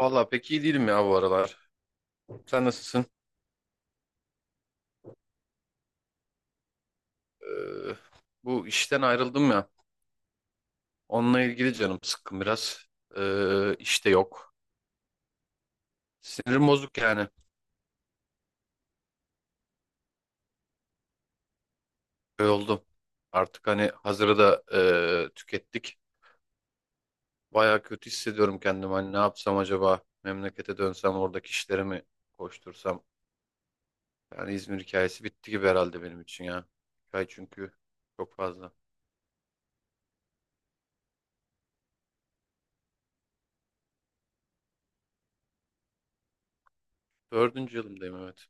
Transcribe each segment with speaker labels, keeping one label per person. Speaker 1: Valla pek iyi değilim ya bu aralar. Sen nasılsın? Ee, bu işten ayrıldım ya. Onunla ilgili canım sıkkın biraz. İşte yok. Sinirim bozuk yani. Böyle oldum. Artık hani hazırı da tükettik. Baya kötü hissediyorum kendimi. Hani ne yapsam acaba? Memlekete dönsem oradaki işleri mi koştursam? Yani İzmir hikayesi bitti gibi herhalde benim için ya. Hikaye çünkü çok fazla. Dördüncü yılımdayım, evet.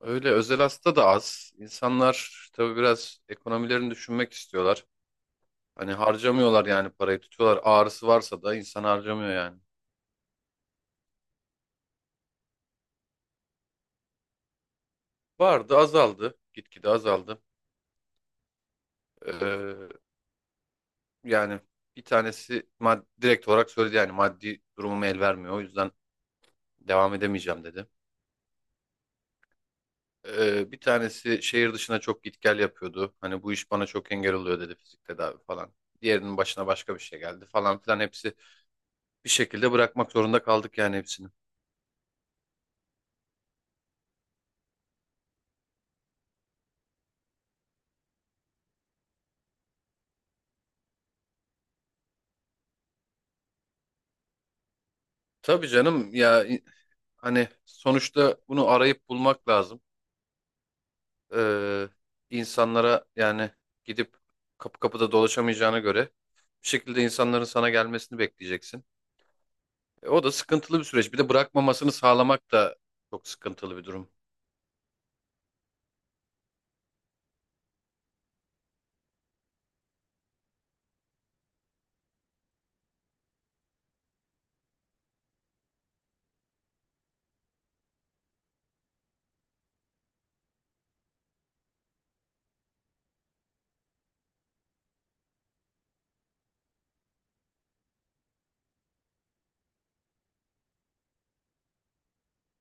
Speaker 1: Öyle özel hasta da az. İnsanlar tabii biraz ekonomilerini düşünmek istiyorlar. Hani harcamıyorlar, yani parayı tutuyorlar. Ağrısı varsa da insan harcamıyor yani. Vardı, azaldı. Gitgide azaldı. Ee, yani bir tanesi direkt olarak söyledi, yani maddi durumum el vermiyor, o yüzden devam edemeyeceğim dedi. Bir tanesi şehir dışına çok git gel yapıyordu. Hani bu iş bana çok engel oluyor dedi, fizik tedavi falan. Diğerinin başına başka bir şey geldi falan filan, hepsi bir şekilde bırakmak zorunda kaldık yani, hepsini. Tabii canım ya, hani sonuçta bunu arayıp bulmak lazım. Ee, insanlara yani, gidip kapı kapıda dolaşamayacağına göre, bir şekilde insanların sana gelmesini bekleyeceksin. O da sıkıntılı bir süreç. Bir de bırakmamasını sağlamak da çok sıkıntılı bir durum.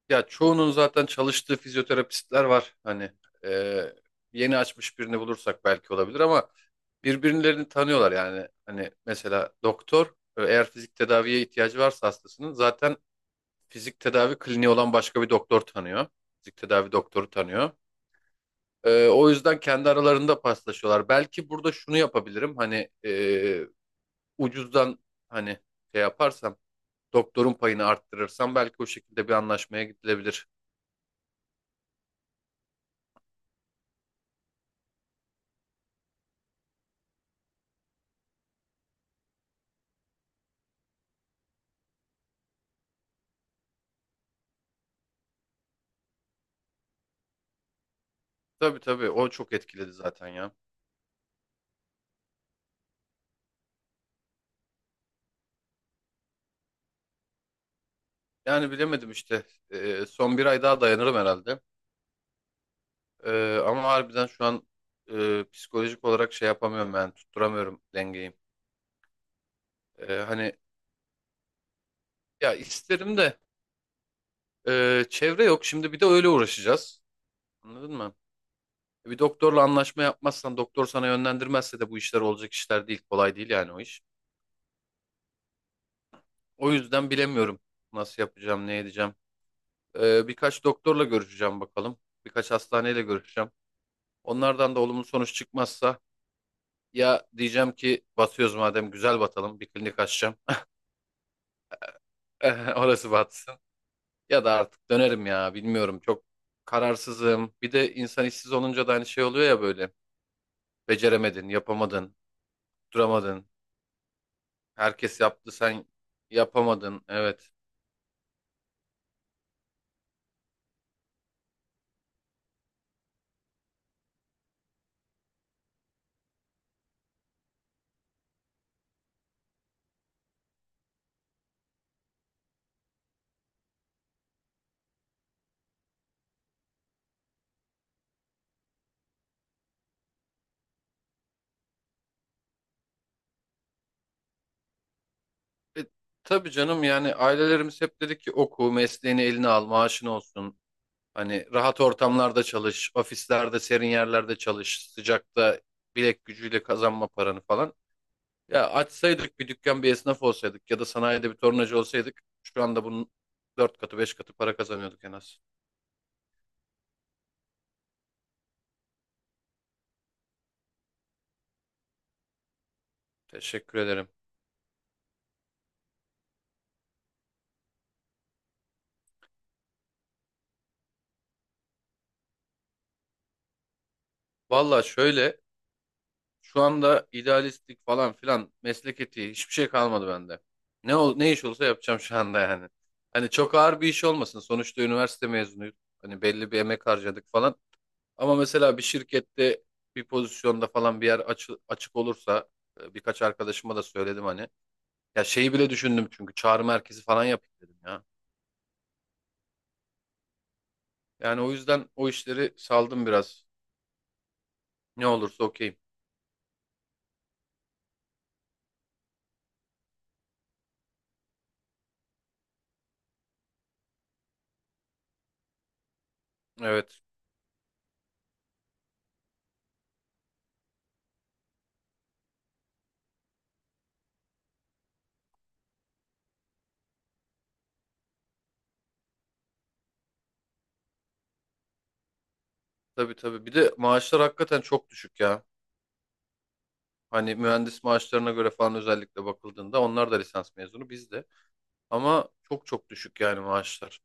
Speaker 1: Ya çoğunun zaten çalıştığı fizyoterapistler var. Hani e, yeni açmış birini bulursak belki olabilir ama birbirlerini tanıyorlar yani. Hani mesela doktor, eğer fizik tedaviye ihtiyacı varsa hastasının, zaten fizik tedavi kliniği olan başka bir doktor tanıyor. Fizik tedavi doktoru tanıyor. O yüzden kendi aralarında paslaşıyorlar. Belki burada şunu yapabilirim. Hani ucuzdan hani şey yaparsam, doktorun payını arttırırsam, belki o şekilde bir anlaşmaya gidilebilir. Tabii tabii, o çok etkiledi zaten ya. Yani bilemedim işte. Son bir ay daha dayanırım herhalde. Ama harbiden şu an psikolojik olarak şey yapamıyorum, ben tutturamıyorum dengeyi. Hani ya isterim de, çevre yok. Şimdi bir de öyle uğraşacağız. Anladın mı? Bir doktorla anlaşma yapmazsan, doktor sana yönlendirmezse de bu işler olacak işler değil. Kolay değil yani o iş. O yüzden bilemiyorum nasıl yapacağım, ne edeceğim. Birkaç doktorla görüşeceğim bakalım. Birkaç hastaneyle görüşeceğim. Onlardan da olumlu sonuç çıkmazsa, ya diyeceğim ki batıyoruz madem, güzel batalım, bir klinik açacağım. Orası batsın. Ya da artık dönerim ya, bilmiyorum, çok kararsızım. Bir de insan işsiz olunca da aynı şey oluyor ya böyle. Beceremedin, yapamadın, duramadın. Herkes yaptı, sen yapamadın. Evet. E, tabii canım, yani ailelerimiz hep dedi ki oku, mesleğini eline al, maaşın olsun. Hani rahat ortamlarda çalış, ofislerde, serin yerlerde çalış, sıcakta bilek gücüyle kazanma paranı falan. Ya açsaydık bir dükkan, bir esnaf olsaydık ya da sanayide bir tornacı olsaydık, şu anda bunun 4 katı 5 katı para kazanıyorduk en az. Teşekkür ederim. Valla şöyle, şu anda idealistlik falan filan, meslek etiği, hiçbir şey kalmadı bende. Ne ol, ne iş olsa yapacağım şu anda yani. Hani çok ağır bir iş olmasın. Sonuçta üniversite mezunuyuz. Hani belli bir emek harcadık falan. Ama mesela bir şirkette bir pozisyonda falan bir yer açık olursa, birkaç arkadaşıma da söyledim hani. Ya şeyi bile düşündüm, çünkü çağrı merkezi falan yapayım dedim ya. Yani o yüzden o işleri saldım biraz. Ne olursa okeyim. Evet. Tabii tabii. Bir de maaşlar hakikaten çok düşük ya. Hani mühendis maaşlarına göre falan özellikle bakıldığında, onlar da lisans mezunu, biz de. Ama çok çok düşük yani maaşlar.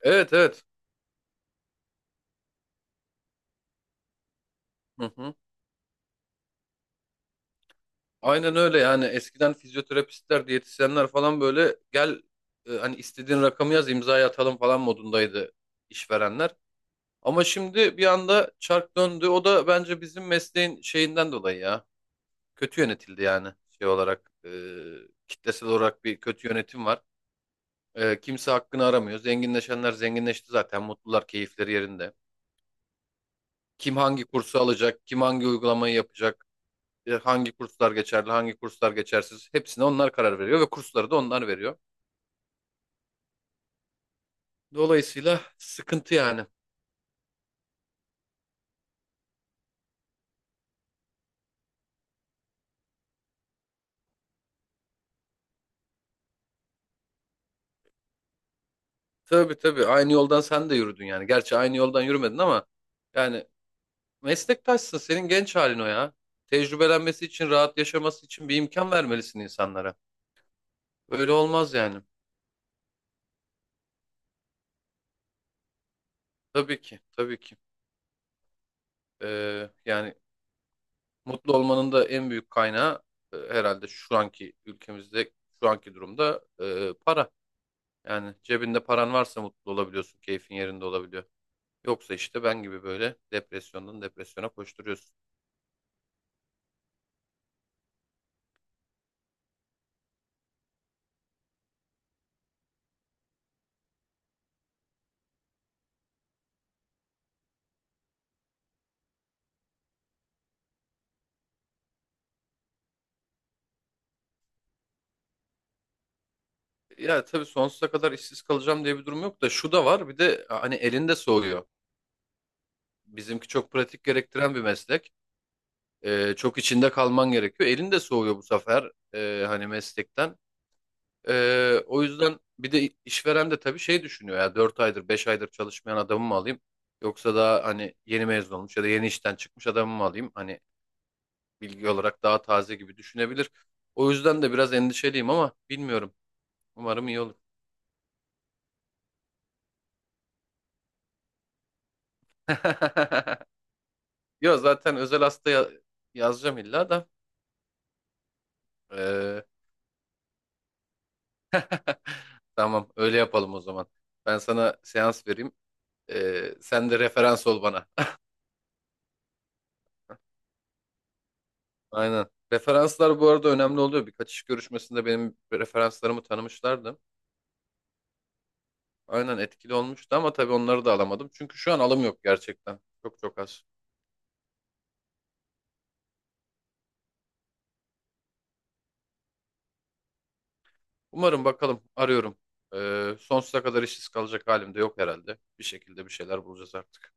Speaker 1: Evet, evet. Hı hı. Aynen öyle yani, eskiden fizyoterapistler, diyetisyenler falan böyle gel, hani istediğin rakamı yaz, imzaya atalım falan modundaydı işverenler. Ama şimdi bir anda çark döndü. O da bence bizim mesleğin şeyinden dolayı ya. Kötü yönetildi yani, şey olarak. Kitlesel olarak bir kötü yönetim var. Kimse hakkını aramıyor. Zenginleşenler zenginleşti zaten. Mutlular, keyifleri yerinde. Kim hangi kursu alacak, kim hangi uygulamayı yapacak, hangi kurslar geçerli, hangi kurslar geçersiz, hepsine onlar karar veriyor ve kursları da onlar veriyor. Dolayısıyla sıkıntı yani. Tabii tabii, aynı yoldan sen de yürüdün yani. Gerçi aynı yoldan yürümedin ama yani meslektaşsın, senin genç halin o ya. Tecrübelenmesi için, rahat yaşaması için bir imkan vermelisin insanlara. Öyle olmaz yani. Tabii ki, tabii ki. Yani mutlu olmanın da en büyük kaynağı herhalde şu anki ülkemizde, şu anki durumda para. Yani cebinde paran varsa mutlu olabiliyorsun, keyfin yerinde olabiliyor. Yoksa işte ben gibi böyle depresyondan depresyona koşturuyorsun. Ya tabii, sonsuza kadar işsiz kalacağım diye bir durum yok da, şu da var. Bir de hani elinde soğuyor. Bizimki çok pratik gerektiren bir meslek. Çok içinde kalman gerekiyor. Elinde soğuyor bu sefer, hani meslekten. O yüzden bir de işveren de tabii şey düşünüyor ya, 4 aydır 5 aydır çalışmayan adamı mı alayım, yoksa daha hani yeni mezun olmuş ya da yeni işten çıkmış adamı mı alayım, hani bilgi olarak daha taze gibi düşünebilir. O yüzden de biraz endişeliyim ama bilmiyorum. Umarım iyi olur. Yok zaten özel hasta yazacağım illa da. Ee, tamam, öyle yapalım o zaman. Ben sana seans vereyim. Sen de referans ol bana. Aynen. Referanslar bu arada önemli oluyor. Birkaç iş görüşmesinde benim referanslarımı tanımışlardı. Aynen, etkili olmuştu ama tabii onları da alamadım. Çünkü şu an alım yok gerçekten. Çok çok az. Umarım, bakalım, arıyorum. Sonsuza kadar işsiz kalacak halim de yok herhalde. Bir şekilde bir şeyler bulacağız artık.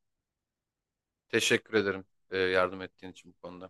Speaker 1: Teşekkür ederim yardım ettiğin için bu konuda.